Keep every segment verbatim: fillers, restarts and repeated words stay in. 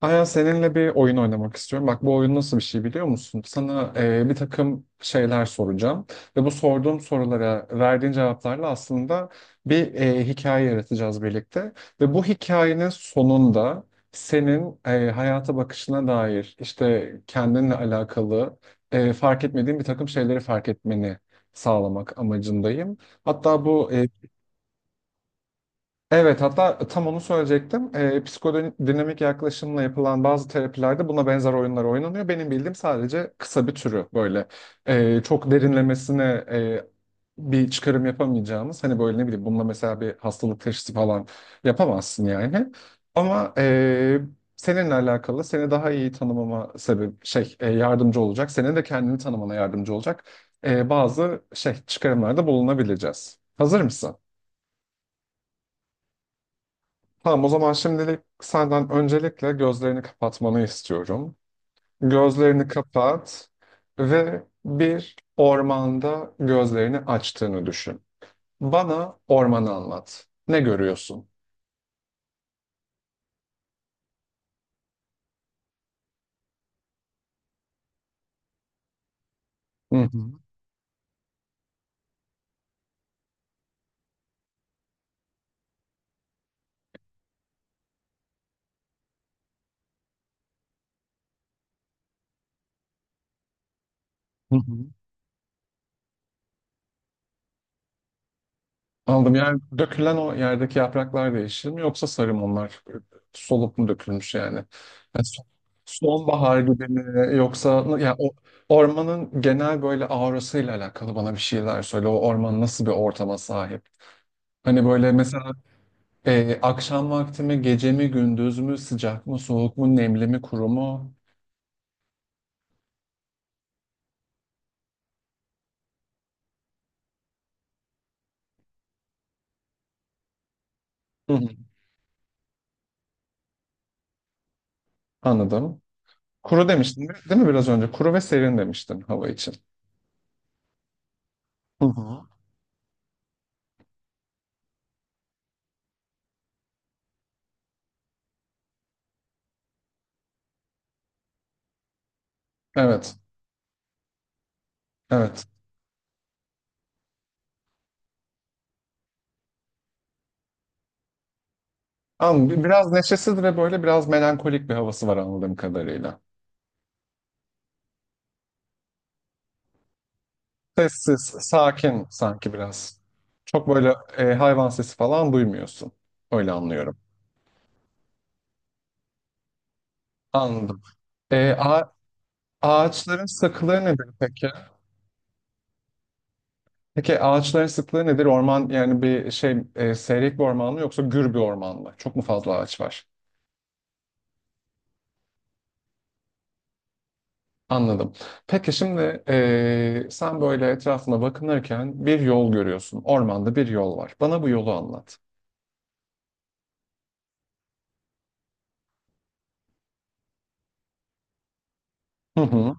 Aya seninle bir oyun oynamak istiyorum. Bak bu oyun nasıl bir şey biliyor musun? Sana e, bir takım şeyler soracağım ve bu sorduğum sorulara verdiğin cevaplarla aslında bir e, hikaye yaratacağız birlikte. Ve bu hikayenin sonunda senin e, hayata bakışına dair işte kendinle alakalı e, fark etmediğin bir takım şeyleri fark etmeni sağlamak amacındayım. Hatta bu Evet, hatta tam onu söyleyecektim. Ee, psikodinamik yaklaşımla yapılan bazı terapilerde buna benzer oyunlar oynanıyor. Benim bildiğim sadece kısa bir türü böyle. Ee, çok derinlemesine e, bir çıkarım yapamayacağımız. Hani böyle ne bileyim bununla mesela bir hastalık teşhisi falan yapamazsın yani. Ama e, seninle alakalı seni daha iyi tanımama sebep şey e, yardımcı olacak. Senin de kendini tanımana yardımcı olacak. E, bazı şey çıkarımlarda bulunabileceğiz. Hazır mısın? Tamam, o zaman şimdilik senden öncelikle gözlerini kapatmanı istiyorum. Gözlerini kapat ve bir ormanda gözlerini açtığını düşün. Bana ormanı anlat. Ne görüyorsun? Hı hı. Hı hı. Anladım. Yani dökülen o yerdeki yapraklar değişir mi yoksa sarı mı onlar? Solup mu dökülmüş yani? Yani son- sonbahar gibi mi yoksa yani o ormanın genel böyle aurasıyla alakalı bana bir şeyler söyle. O orman nasıl bir ortama sahip? Hani böyle mesela e, akşam vakti mi, gece mi, gündüz mü, sıcak mı, soğuk mu, nemli mi, kuru mu? Hı hı. Anladım. Kuru demiştin değil mi değil mi biraz önce? Kuru ve serin demiştin hava için. Hı hı. Evet, evet. Anladım. Biraz neşesiz ve böyle biraz melankolik bir havası var anladığım kadarıyla. Sessiz, sakin sanki biraz. Çok böyle e, hayvan sesi falan duymuyorsun. Öyle anlıyorum. Anladım. E, a- Ağaçların sıklığı nedir peki? Peki ağaçların sıklığı nedir? Orman yani bir şey e, seyrek bir orman mı yoksa gür bir orman mı? Çok mu fazla ağaç var? Anladım. Peki şimdi e, sen böyle etrafına bakınırken bir yol görüyorsun. Ormanda bir yol var. Bana bu yolu anlat. Hı hı.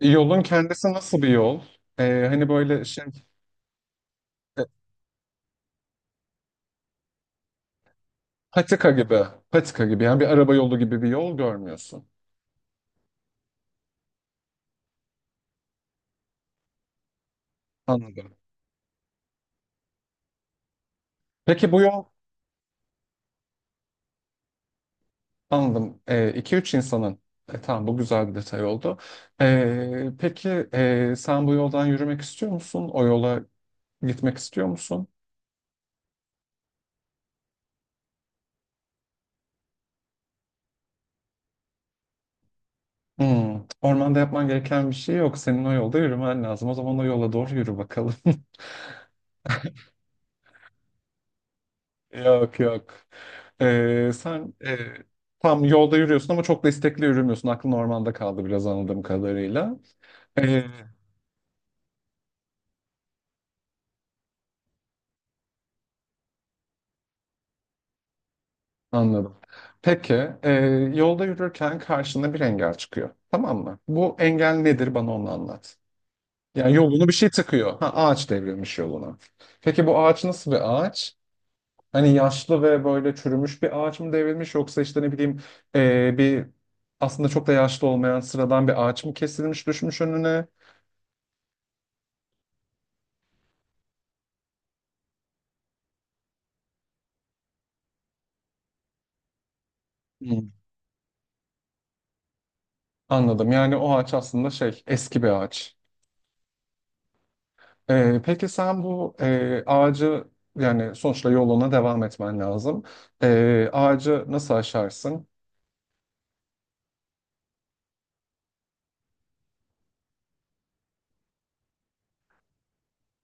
Yolun kendisi nasıl bir yol? E, hani böyle şey e, patika gibi, patika gibi yani bir araba yolu gibi bir yol görmüyorsun. Anladım. Peki bu yol Anladım. E, iki üç insanın. E, tamam, bu güzel bir detay oldu. E, peki, e, sen bu yoldan yürümek istiyor musun? O yola gitmek istiyor musun? Hmm, Ormanda yapman gereken bir şey yok. Senin o yolda yürümen lazım. O zaman o yola doğru yürü bakalım. Yok yok. E, sen e, tam yolda yürüyorsun ama çok da istekli yürümüyorsun. Aklın ormanda kaldı biraz anladığım kadarıyla. Ee, Anladım. Peki, e, yolda yürürken karşına bir engel çıkıyor. Tamam mı? Bu engel nedir? Bana onu anlat. Yani yolunu bir şey tıkıyor. Ha, ağaç devrilmiş yoluna. Peki bu ağaç nasıl bir ağaç? Hani yaşlı ve böyle çürümüş bir ağaç mı devrilmiş yoksa işte ne bileyim e, bir aslında çok da yaşlı olmayan sıradan bir ağaç mı kesilmiş düşmüş önüne? Hmm. Anladım. Yani o ağaç aslında şey eski bir ağaç. Ee, peki sen bu e, ağacı, yani sonuçta yoluna devam etmen lazım. Ee, ağacı nasıl aşarsın?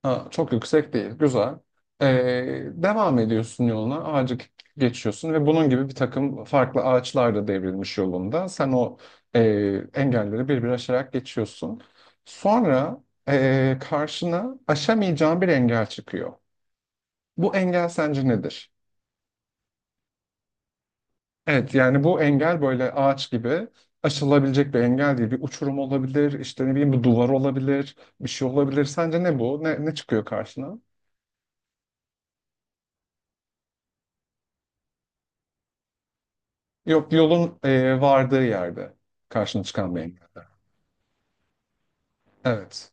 Ha, çok yüksek değil, güzel. Ee, devam ediyorsun yoluna, ağacı geçiyorsun ve bunun gibi bir takım farklı ağaçlar da devrilmiş yolunda. Sen o e, engelleri bir bir aşarak geçiyorsun. Sonra e, karşına aşamayacağın bir engel çıkıyor. Bu engel sence nedir? Evet yani bu engel böyle ağaç gibi aşılabilecek bir engel değil. Bir uçurum olabilir, işte ne bileyim bir duvar olabilir, bir şey olabilir. Sence ne bu? Ne, ne çıkıyor karşına? Yok, yolun e, vardığı yerde karşına çıkan bir engel. Evet.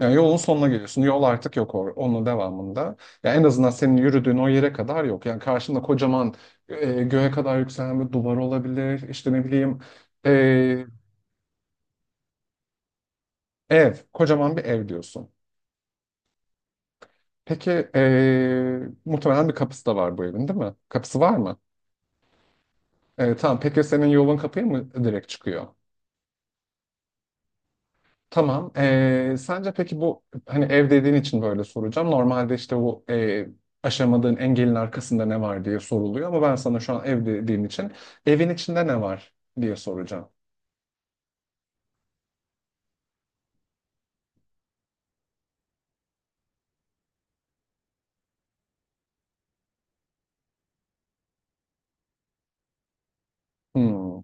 Yani yolun sonuna geliyorsun. Yol artık yok or onun devamında. Yani en azından senin yürüdüğün o yere kadar yok. Yani karşında kocaman, e, göğe kadar yükselen bir duvar olabilir. İşte ne bileyim, e, ev, kocaman bir ev diyorsun. Peki eee, muhtemelen bir kapısı da var bu evin değil mi? Kapısı var mı? Eee, tamam, peki senin yolun kapıya mı direkt çıkıyor? Tamam. Eee, sence peki, bu, hani ev dediğin için böyle soracağım. Normalde işte bu eee, aşamadığın engelin arkasında ne var diye soruluyor ama ben sana şu an ev dediğim için evin içinde ne var diye soracağım. Hmm.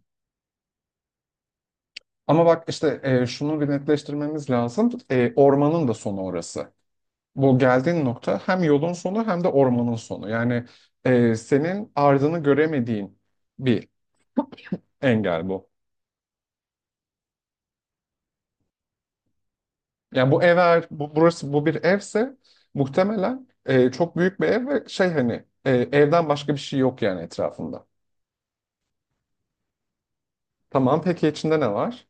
Ama bak işte, e, şunu bir netleştirmemiz lazım. E, ormanın da sonu orası. Bu geldiğin nokta hem yolun sonu hem de ormanın sonu. Yani e, senin ardını göremediğin bir engel bu. Yani bu ev eğer bu, burası bu bir evse muhtemelen e, çok büyük bir ev ve şey hani e, evden başka bir şey yok yani etrafında. Tamam peki içinde ne var?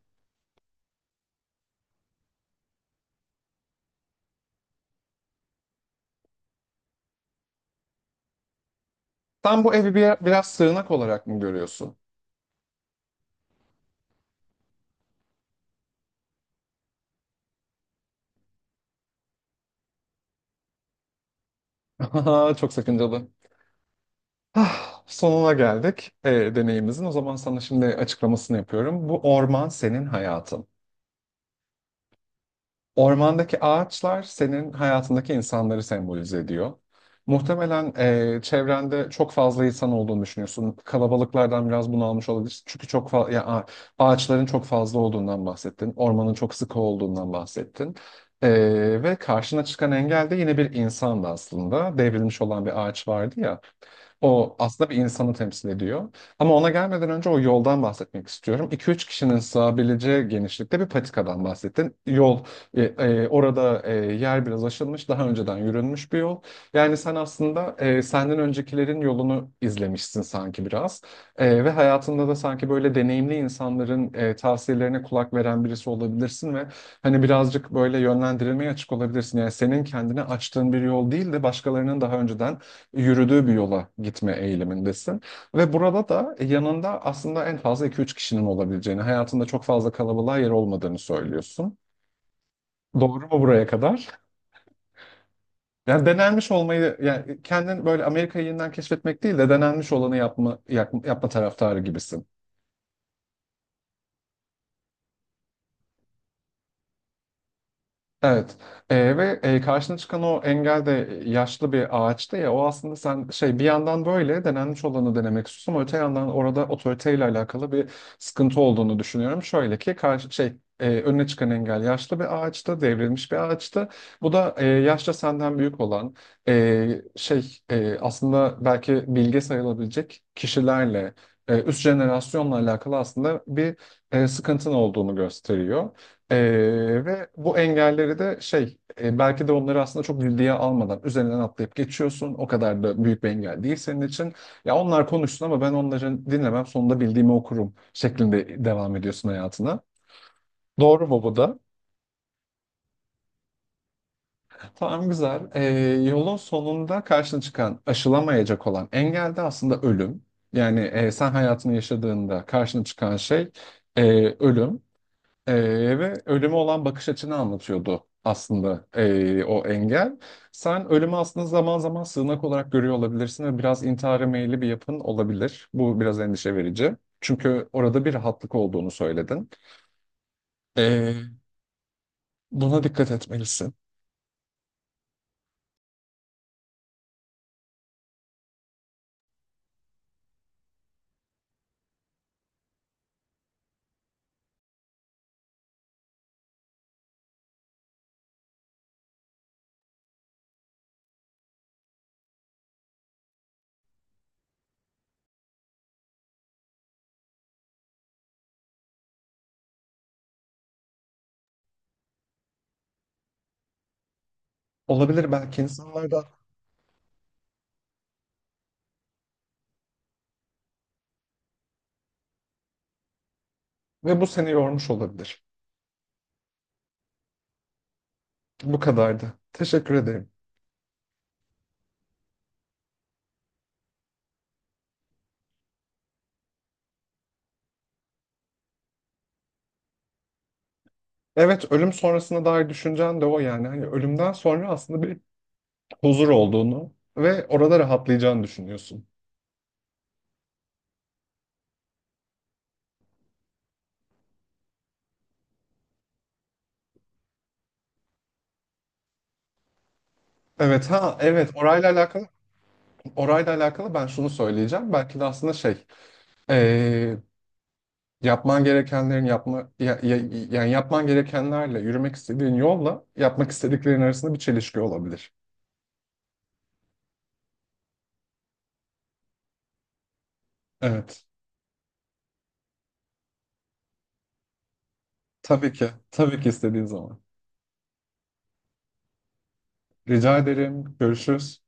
Sen bu evi bir, biraz sığınak olarak mı görüyorsun? Çok sakıncalı. Ah, sonuna geldik, e, deneyimizin. O zaman sana şimdi açıklamasını yapıyorum. Bu orman senin hayatın. Ormandaki ağaçlar senin hayatındaki insanları sembolize ediyor. Muhtemelen e, çevrende çok fazla insan olduğunu düşünüyorsun. Kalabalıklardan biraz bunalmış olabilirsin. Çünkü çok fa- ya, a- ağaçların çok fazla olduğundan bahsettin. Ormanın çok sıkı olduğundan bahsettin. E, Ve karşına çıkan engel de yine bir insandı aslında. Devrilmiş olan bir ağaç vardı ya. O aslında bir insanı temsil ediyor. Ama ona gelmeden önce o yoldan bahsetmek istiyorum. iki üç kişinin sığabileceği genişlikte bir patikadan bahsettin. Yol, e, e, orada e, yer biraz aşılmış, daha önceden yürünmüş bir yol. Yani sen aslında e, senden öncekilerin yolunu izlemişsin sanki biraz. E, ve hayatında da sanki böyle deneyimli insanların e, tavsiyelerine kulak veren birisi olabilirsin ve hani birazcık böyle yönlendirilmeye açık olabilirsin. Yani senin kendine açtığın bir yol değil de başkalarının daha önceden yürüdüğü bir yola gitme eğilimindesin. Ve burada da yanında aslında en fazla iki üç kişinin olabileceğini, hayatında çok fazla kalabalığa yer olmadığını söylüyorsun. Doğru mu buraya kadar? Yani denenmiş olmayı, yani kendin böyle Amerika'yı yeniden keşfetmek değil de denenmiş olanı yapma, yap- yapma taraftarı gibisin. Evet. Ee, ve e, karşına çıkan o engel de yaşlı bir ağaçtı ya. O aslında sen, şey bir yandan böyle denenmiş olanı denemek istiyorsun ama öte yandan orada otoriteyle alakalı bir sıkıntı olduğunu düşünüyorum. Şöyle ki karşı şey e, önüne çıkan engel yaşlı bir ağaçtı, devrilmiş bir ağaçtı. Bu da e, yaşça senden büyük olan, e, şey e, aslında belki bilge sayılabilecek kişilerle, e, üst jenerasyonla alakalı aslında bir e, sıkıntın olduğunu gösteriyor. Ee, ve bu engelleri de şey e, belki de onları aslında çok ciddiye almadan üzerinden atlayıp geçiyorsun. O kadar da büyük bir engel değil senin için. Ya onlar konuşsun ama ben onları dinlemem, sonunda bildiğimi okurum şeklinde devam ediyorsun hayatına. Doğru mu bu da? Tamam, güzel. Ee, yolun sonunda karşına çıkan aşılamayacak olan engel de aslında ölüm. Yani e, sen hayatını yaşadığında karşına çıkan şey, e, ölüm. Ee, Ve ölüme olan bakış açını anlatıyordu aslında, ee, o engel. Sen ölümü aslında zaman zaman sığınak olarak görüyor olabilirsin ve biraz intihara meyilli bir yapın olabilir. Bu biraz endişe verici. Çünkü orada bir rahatlık olduğunu söyledin. Ee, Buna dikkat etmelisin. Olabilir, belki insanlarda ve bu seni yormuş olabilir. Bu kadardı. Teşekkür ederim. Evet, ölüm sonrasına dair düşüncen de o yani. Hani ölümden sonra aslında bir huzur olduğunu ve orada rahatlayacağını düşünüyorsun. Evet ha evet, orayla alakalı orayla alakalı ben şunu söyleyeceğim. Belki de aslında şey eee, yapman gerekenlerin yapma ya- ya- yani yapman gerekenlerle yürümek istediğin yolla yapmak istediklerin arasında bir çelişki olabilir. Evet. Tabii ki. Tabii ki istediğin zaman. Rica ederim. Görüşürüz.